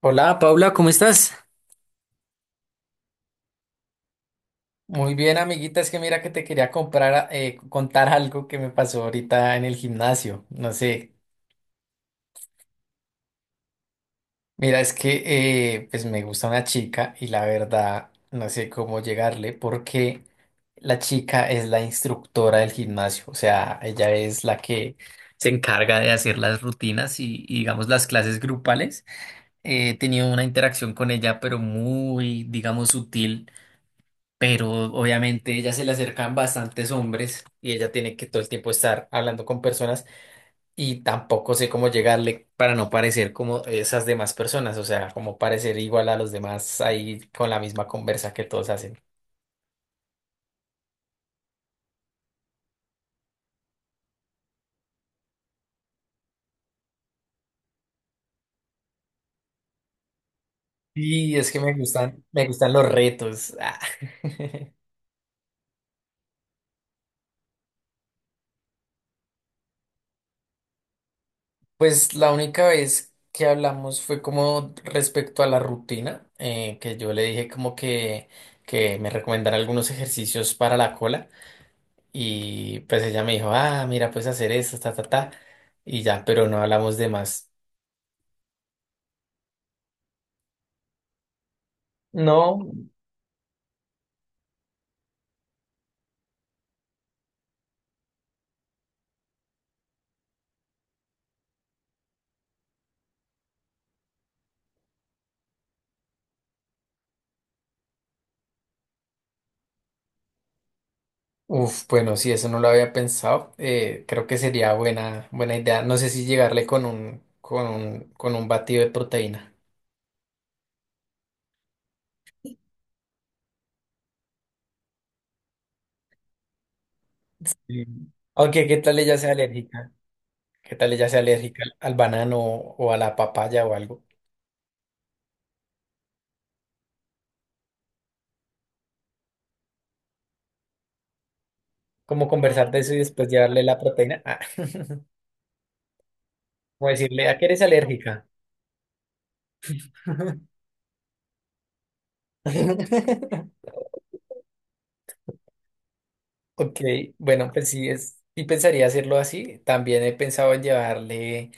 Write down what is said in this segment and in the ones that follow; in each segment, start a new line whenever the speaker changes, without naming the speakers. Hola Paula, ¿cómo estás? Muy bien, amiguita, es que mira que te quería comprar, contar algo que me pasó ahorita en el gimnasio. No sé, mira, es que pues me gusta una chica y la verdad no sé cómo llegarle porque la chica es la instructora del gimnasio, o sea, ella es la que se encarga de hacer las rutinas y digamos las clases grupales. He tenido una interacción con ella, pero muy, digamos, sutil. Pero obviamente ella se le acercan bastantes hombres y ella tiene que todo el tiempo estar hablando con personas y tampoco sé cómo llegarle para no parecer como esas demás personas, o sea, como parecer igual a los demás ahí con la misma conversa que todos hacen. Y es que me gustan los retos. Ah. Pues la única vez que hablamos fue como respecto a la rutina, que yo le dije como que me recomendara algunos ejercicios para la cola. Y pues ella me dijo, ah, mira, puedes hacer esto, ta, ta, ta. Y ya, pero no hablamos de más. No, uf, bueno, sí, eso no lo había pensado. Creo que sería buena idea. No sé si llegarle con con un batido de proteína. Sí. Aunque, ¿qué tal ella sea alérgica? ¿Qué tal ella sea alérgica al banano o a la papaya o algo? ¿Como conversar de eso y después llevarle la proteína? Ah, como decirle, ¿a qué eres alérgica? Ok, bueno, pues sí, sí pensaría hacerlo así. También he pensado en llevarle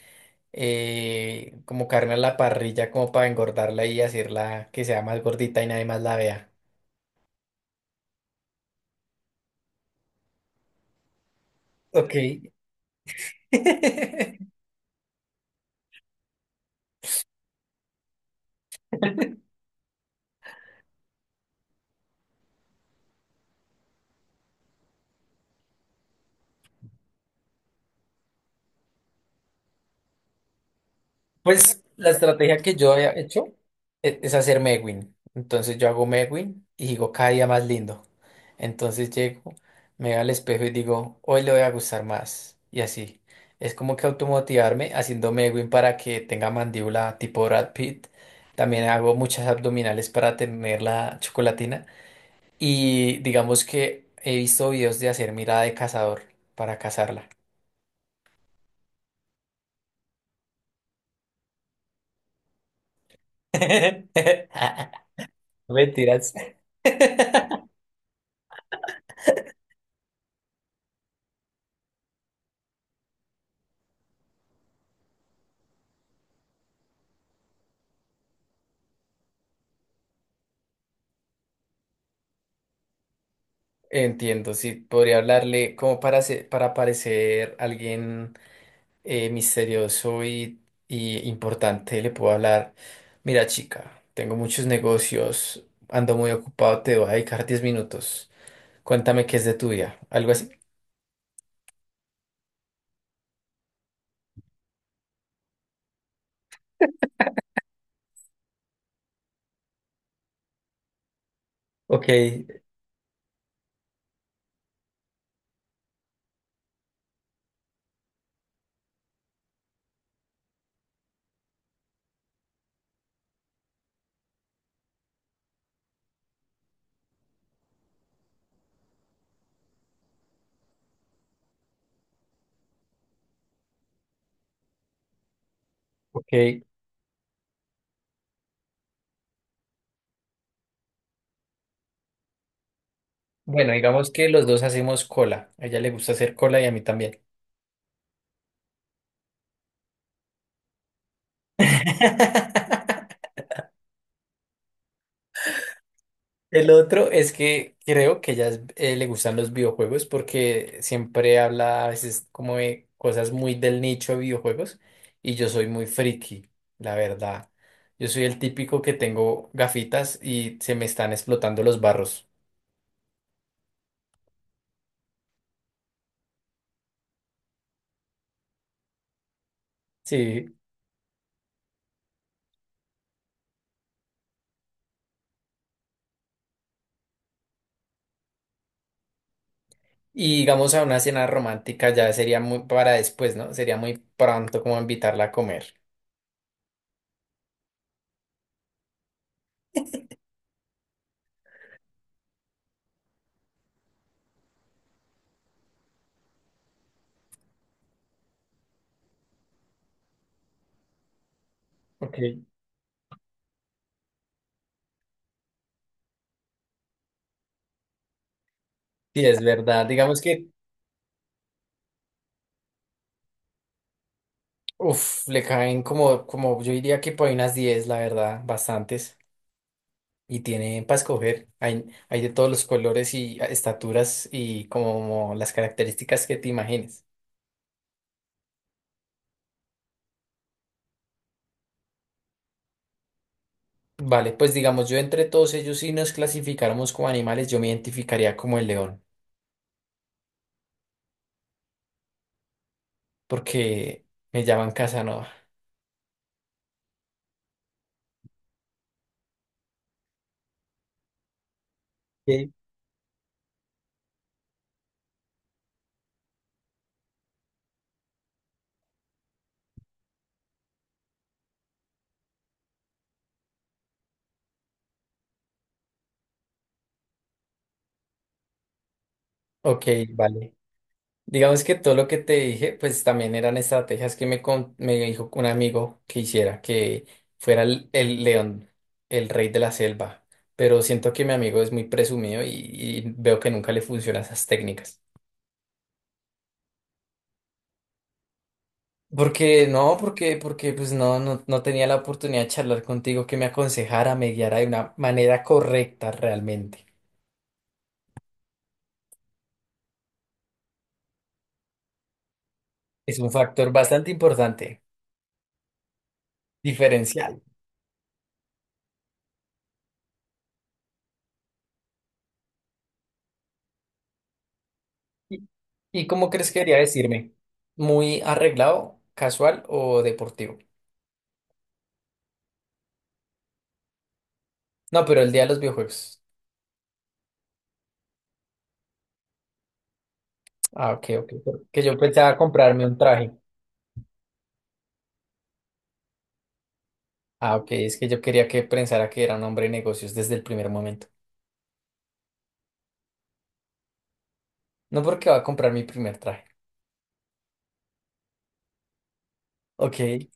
como carne a la parrilla como para engordarla y hacerla que sea más gordita y nadie más la vea. Ok. Pues la estrategia que yo he hecho es hacer Megwin. Entonces yo hago Megwin y digo cada día más lindo. Entonces llego, me veo al espejo y digo, hoy le voy a gustar más. Y así. Es como que automotivarme haciendo Megwin para que tenga mandíbula tipo Brad Pitt. También hago muchas abdominales para tener la chocolatina. Y digamos que he visto videos de hacer mirada de cazador para cazarla. Mentiras. Entiendo, sí, podría hablarle como para para parecer alguien misterioso y importante, le puedo hablar, mira chica, tengo muchos negocios, ando muy ocupado, te voy a dedicar 10 minutos, cuéntame qué es de tu vida, algo así. Ok, ok. Bueno, digamos que los dos hacemos cola, a ella le gusta hacer cola y a mí también. El otro es que creo que ya le gustan los videojuegos porque siempre habla a veces como de cosas muy del nicho de videojuegos y yo soy muy friki, la verdad. Yo soy el típico que tengo gafitas y se me están explotando los barros. Sí. Y digamos a una cena romántica ya sería muy para después, ¿no? Sería muy pronto como invitarla a comer. Ok. Sí, es verdad. Digamos que, uff, le caen como, como yo diría que por ahí unas 10, la verdad, bastantes. Y tiene para escoger, hay de todos los colores y ah, estaturas y como las características que te imagines. Vale, pues digamos, yo entre todos ellos, si nos clasificáramos como animales, yo me identificaría como el león, porque me llaman Casanova. Ok. Ok, vale. Digamos que todo lo que te dije, pues también eran estrategias que me, me dijo un amigo que hiciera, que fuera el león, el rey de la selva. Pero siento que mi amigo es muy presumido y veo que nunca le funcionan esas técnicas. Porque pues no, no tenía la oportunidad de charlar contigo que me aconsejara, me guiara de una manera correcta realmente. Es un factor bastante importante, diferencial. ¿Y, y cómo crees que debería decirme? ¿Muy arreglado, casual o deportivo? No, pero el día de los videojuegos. Ah, ok, ok. Que yo pensaba comprarme un traje. Ah, ok, es que yo quería que pensara que era un hombre de negocios desde el primer momento. No porque va a comprar mi primer traje. Ok.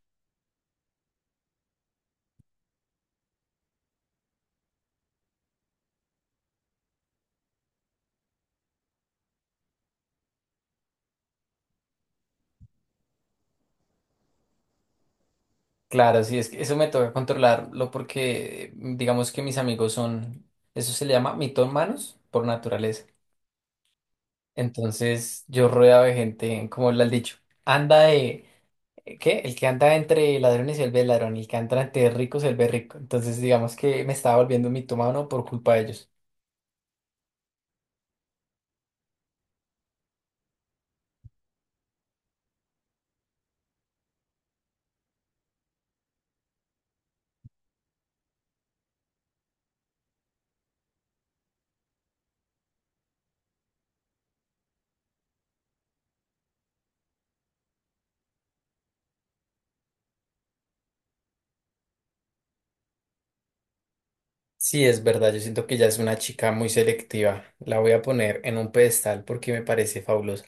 Claro, sí, es que eso me toca controlarlo porque digamos que mis amigos son, eso se le llama mitómanos por naturaleza. Entonces yo rodeado de gente, como le has dicho, anda de, ¿qué? El que anda entre ladrones se vuelve ladrón, y el que anda entre ricos se vuelve rico. Entonces digamos que me estaba volviendo un mitómano por culpa de ellos. Sí, es verdad, yo siento que ya es una chica muy selectiva. La voy a poner en un pedestal porque me parece fabulosa.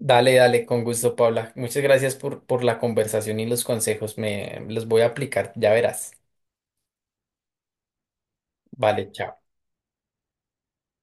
Dale, dale, con gusto, Paula. Muchas gracias por la conversación y los consejos. Me los voy a aplicar, ya verás. Vale, chao.